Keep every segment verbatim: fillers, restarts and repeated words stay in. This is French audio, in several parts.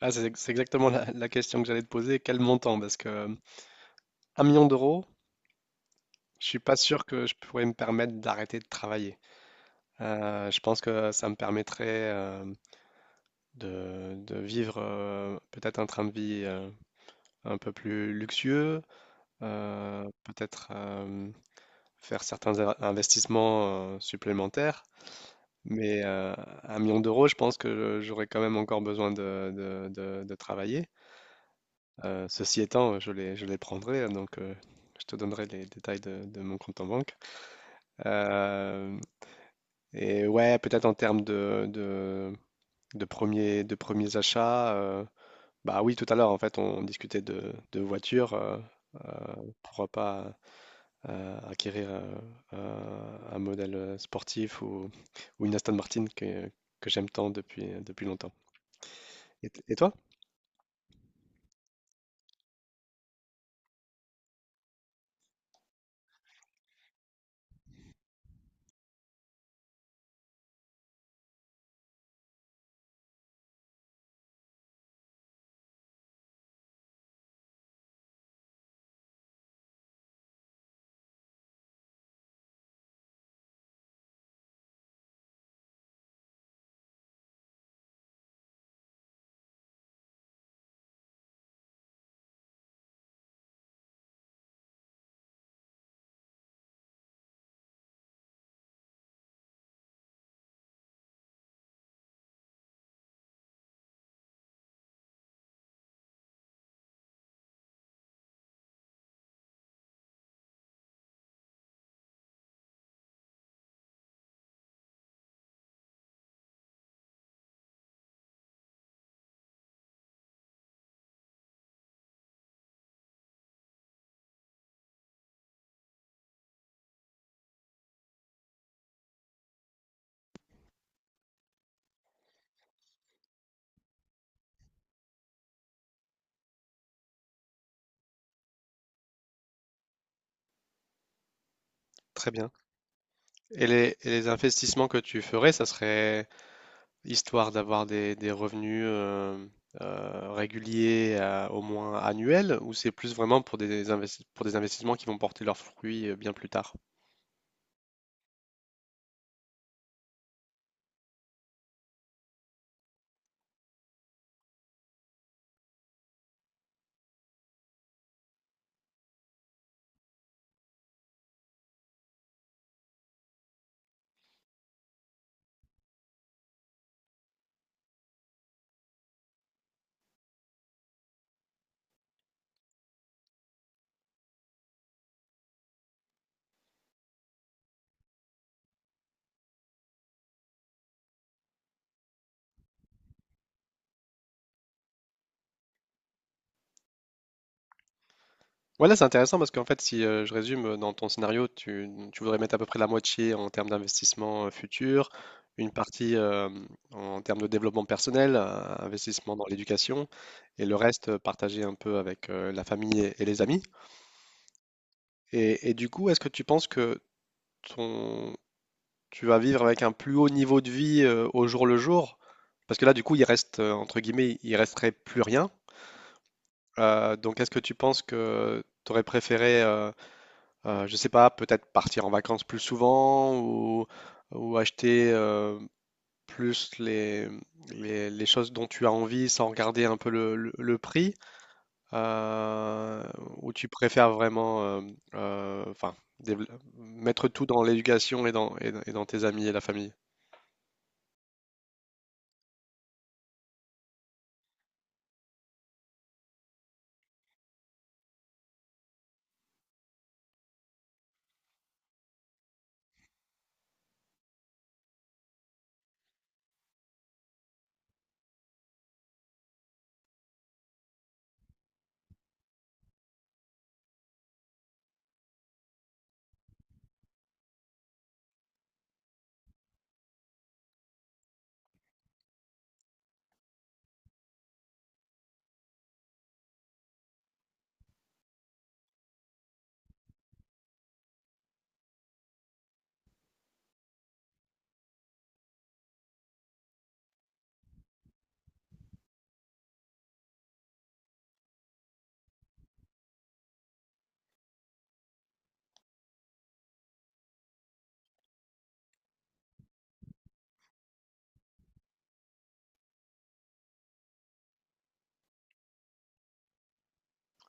Ah, c'est c'est exactement la, la question que j'allais te poser. Quel montant? Parce que euh, un million d'euros, je suis pas sûr que je pourrais me permettre d'arrêter de travailler. Euh, je pense que ça me permettrait euh, de, de vivre euh, peut-être un train de vie euh, un peu plus luxueux, euh, peut-être euh, faire certains a- investissements euh, supplémentaires. Mais euh, un million d'euros, je pense que j'aurais quand même encore besoin de, de de- de travailler. Euh, ceci étant, je les, je les prendrai, hein, donc euh, je te donnerai les détails de, de mon compte en banque. Euh, et ouais, peut-être en termes de, de, de premiers, de premiers achats, euh, bah oui, tout à l'heure, en fait, on discutait de, de voitures. euh, euh, pourquoi pas euh, acquérir euh, euh, un modèle sportif ou, ou une Aston Martin que, que j'aime tant depuis, depuis longtemps. Et, et toi? Très bien. Et les, et les investissements que tu ferais, ça serait histoire d'avoir des, des revenus euh, euh, réguliers, euh, au moins annuels, ou c'est plus vraiment pour des investi- pour des investissements qui vont porter leurs fruits euh, bien plus tard? Voilà, c'est intéressant parce qu'en fait, si euh, je résume, euh, dans ton scénario, tu, tu voudrais mettre à peu près la moitié en termes d'investissement euh, futur, une partie euh, en termes de développement personnel, euh, investissement dans l'éducation, et le reste euh, partagé un peu avec euh, la famille et, et les amis. Et, et du coup, est-ce que tu penses que ton, tu vas vivre avec un plus haut niveau de vie euh, au jour le jour? Parce que là, du coup, il reste, euh, entre guillemets, il resterait plus rien. Euh, donc, est-ce que tu penses que tu aurais préféré... euh, Heu, je sais pas, peut-être partir en vacances plus souvent ou ou acheter, heu, plus les, mmh, les les choses dont tu as envie sans regarder un peu le le le prix, heu, ou tu préfères vraiment, hem, heu, enfin, dével mettre tout dans l'éducation et dans et dans et dans tes amis et la famille?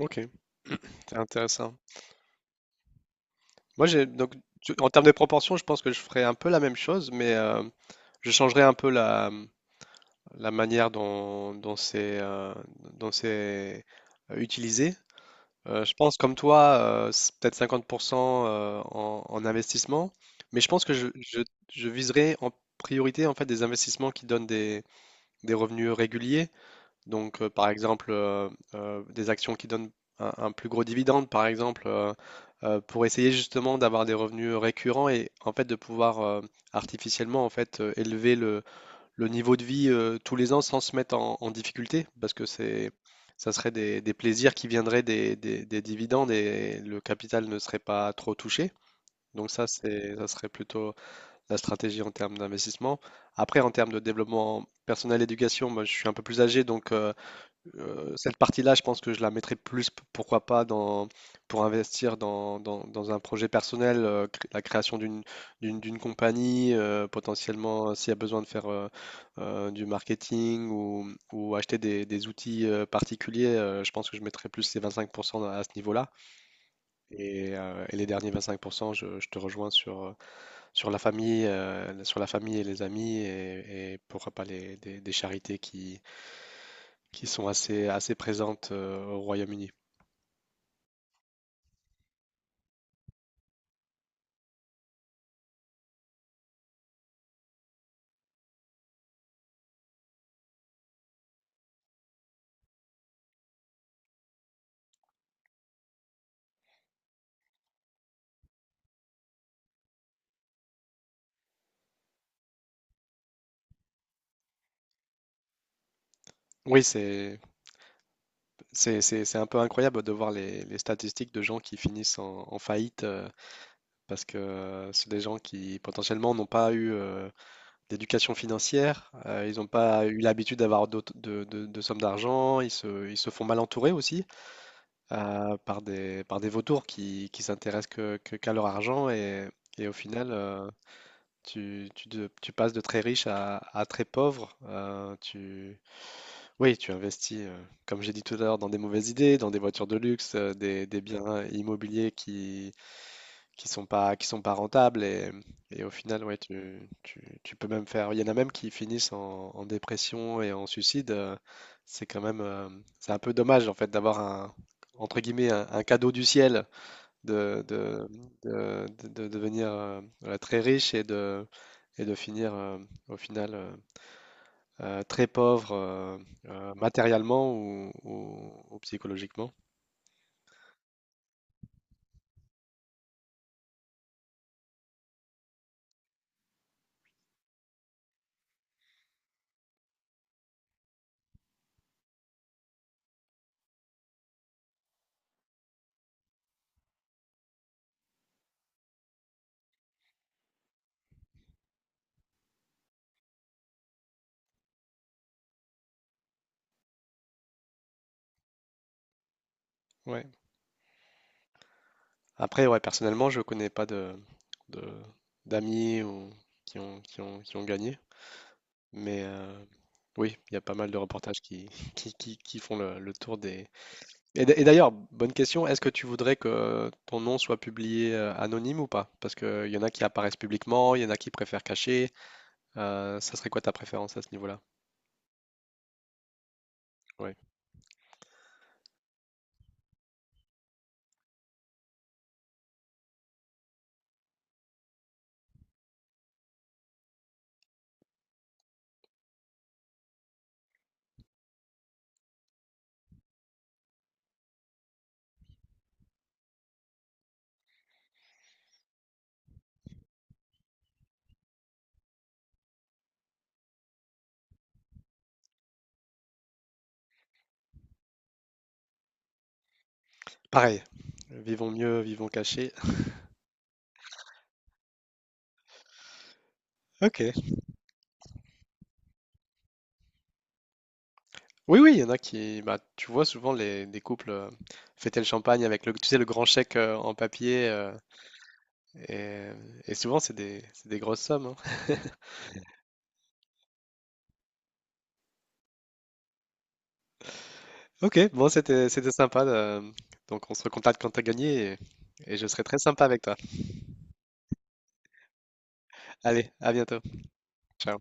OK, c'est intéressant. Moi, j'ai donc tu- en termes de proportion, je pense que je ferais un peu la même chose, mais euh, je changerais un peu la, la manière dont, dont c'est euh, dont c'est euh, utilisé. Euh, je pense, comme toi, euh, c'est peut-être cinquante pour cent euh, en, en investissement, mais je pense que je, je, je viserais en priorité en fait des investissements qui donnent des, des revenus réguliers. Donc, euh, par exemple, euh, euh, des actions qui donnent un, un plus gros dividende, par exemple, euh, euh, pour essayer justement d'avoir des revenus récurrents et en fait de pouvoir euh, artificiellement en fait euh, élever le, le niveau de vie euh, tous les ans sans se mettre en, en difficulté, parce que c'est ça serait des- des plaisirs qui viendraient des, des- des dividendes et le capital ne serait pas trop touché. Donc ça, c'est, ça serait plutôt la stratégie en termes d'investissement. Après, en termes de développement personnel, éducation, moi, je suis un peu plus âgé, donc euh, euh, cette partie-là, je pense que je la mettrais plus, p- pourquoi pas, dans, pour investir dans, dans- dans un projet personnel, euh, cré- la création d'une d'une d'une compagnie, euh, potentiellement euh, s'il y a besoin de faire euh, euh, du marketing ou, ou acheter des, des outils euh, particuliers, euh, je pense que je mettrais plus ces vingt-cinq pour cent à ce niveau-là. Et, euh, et les derniers vingt-cinq pour cent, je, je te rejoins sur, euh, sur la famille, euh, sur la famille et les amis et, et pourquoi pas les, des, des charités qui, qui sont assez, assez présentes euh, au Royaume-Uni. Oui, c'est, c'est, c'est, c'est un peu incroyable de voir les, les statistiques de gens qui finissent en, en faillite euh, parce que euh, c'est des gens qui potentiellement n'ont pas eu euh, d'éducation financière, euh, ils n'ont pas eu l'habitude d'avoir d'autres- de, de- de sommes d'argent, ils se, ils se font mal entourer aussi euh, par des, par des vautours qui, qui s'intéressent que, que- qu'à leur argent et, et au final, euh, tu, tu, de- tu passes de très riche à, à très pauvre. euh, tu, Oui, tu investis, heu, comme j'ai dit tout à l'heure, dans des mauvaises idées, dans des voitures de luxe, heu, des des biens immobiliers qui qui sont pas qui sont pas rentables et mmh et au final, ouais, tu tu tu peux même faire il y en a même qui finissent en en dépression et en suicide, heu, c'est quand même, hem, c'est un peu dommage, en fait, d'avoir un entre guillemets, «un un cadeau du ciel» de de de de de devenir, heu, heu, très riche et de et de finir, heu, au final, heu euh, très pauvres euh, euh, matériellement ou, ou- ou psychologiquement. Ouais. Après, ouais, personnellement, je connais pas de, de- d'amis ou, qui ont, qui ont, qui ont gagné, mais euh, oui, il y a pas mal de reportages qui, qui, qui, qui font le, le tour des... Et, d- et d'ailleurs, bonne question, est-ce que tu voudrais que ton nom soit publié euh, anonyme ou pas? Parce qu'il y en a qui apparaissent publiquement, il y en a qui préfèrent cacher. Euh, ça serait quoi ta préférence à ce niveau-là? Ouais. Pareil, vivons mieux, vivons cachés. Ok. Oui, oui, il y en a qui, bah, tu vois souvent les, des couples euh, fêter le champagne avec le, tu sais, le grand chèque euh, en papier, euh, et, et souvent c'est des, c'est des grosses sommes, hein. Ok, bon, c'était, c'était sympa. euh, donc on se recontacte quand t'as gagné, et, et je serai très sympa avec toi. Allez, à bientôt. Ciao.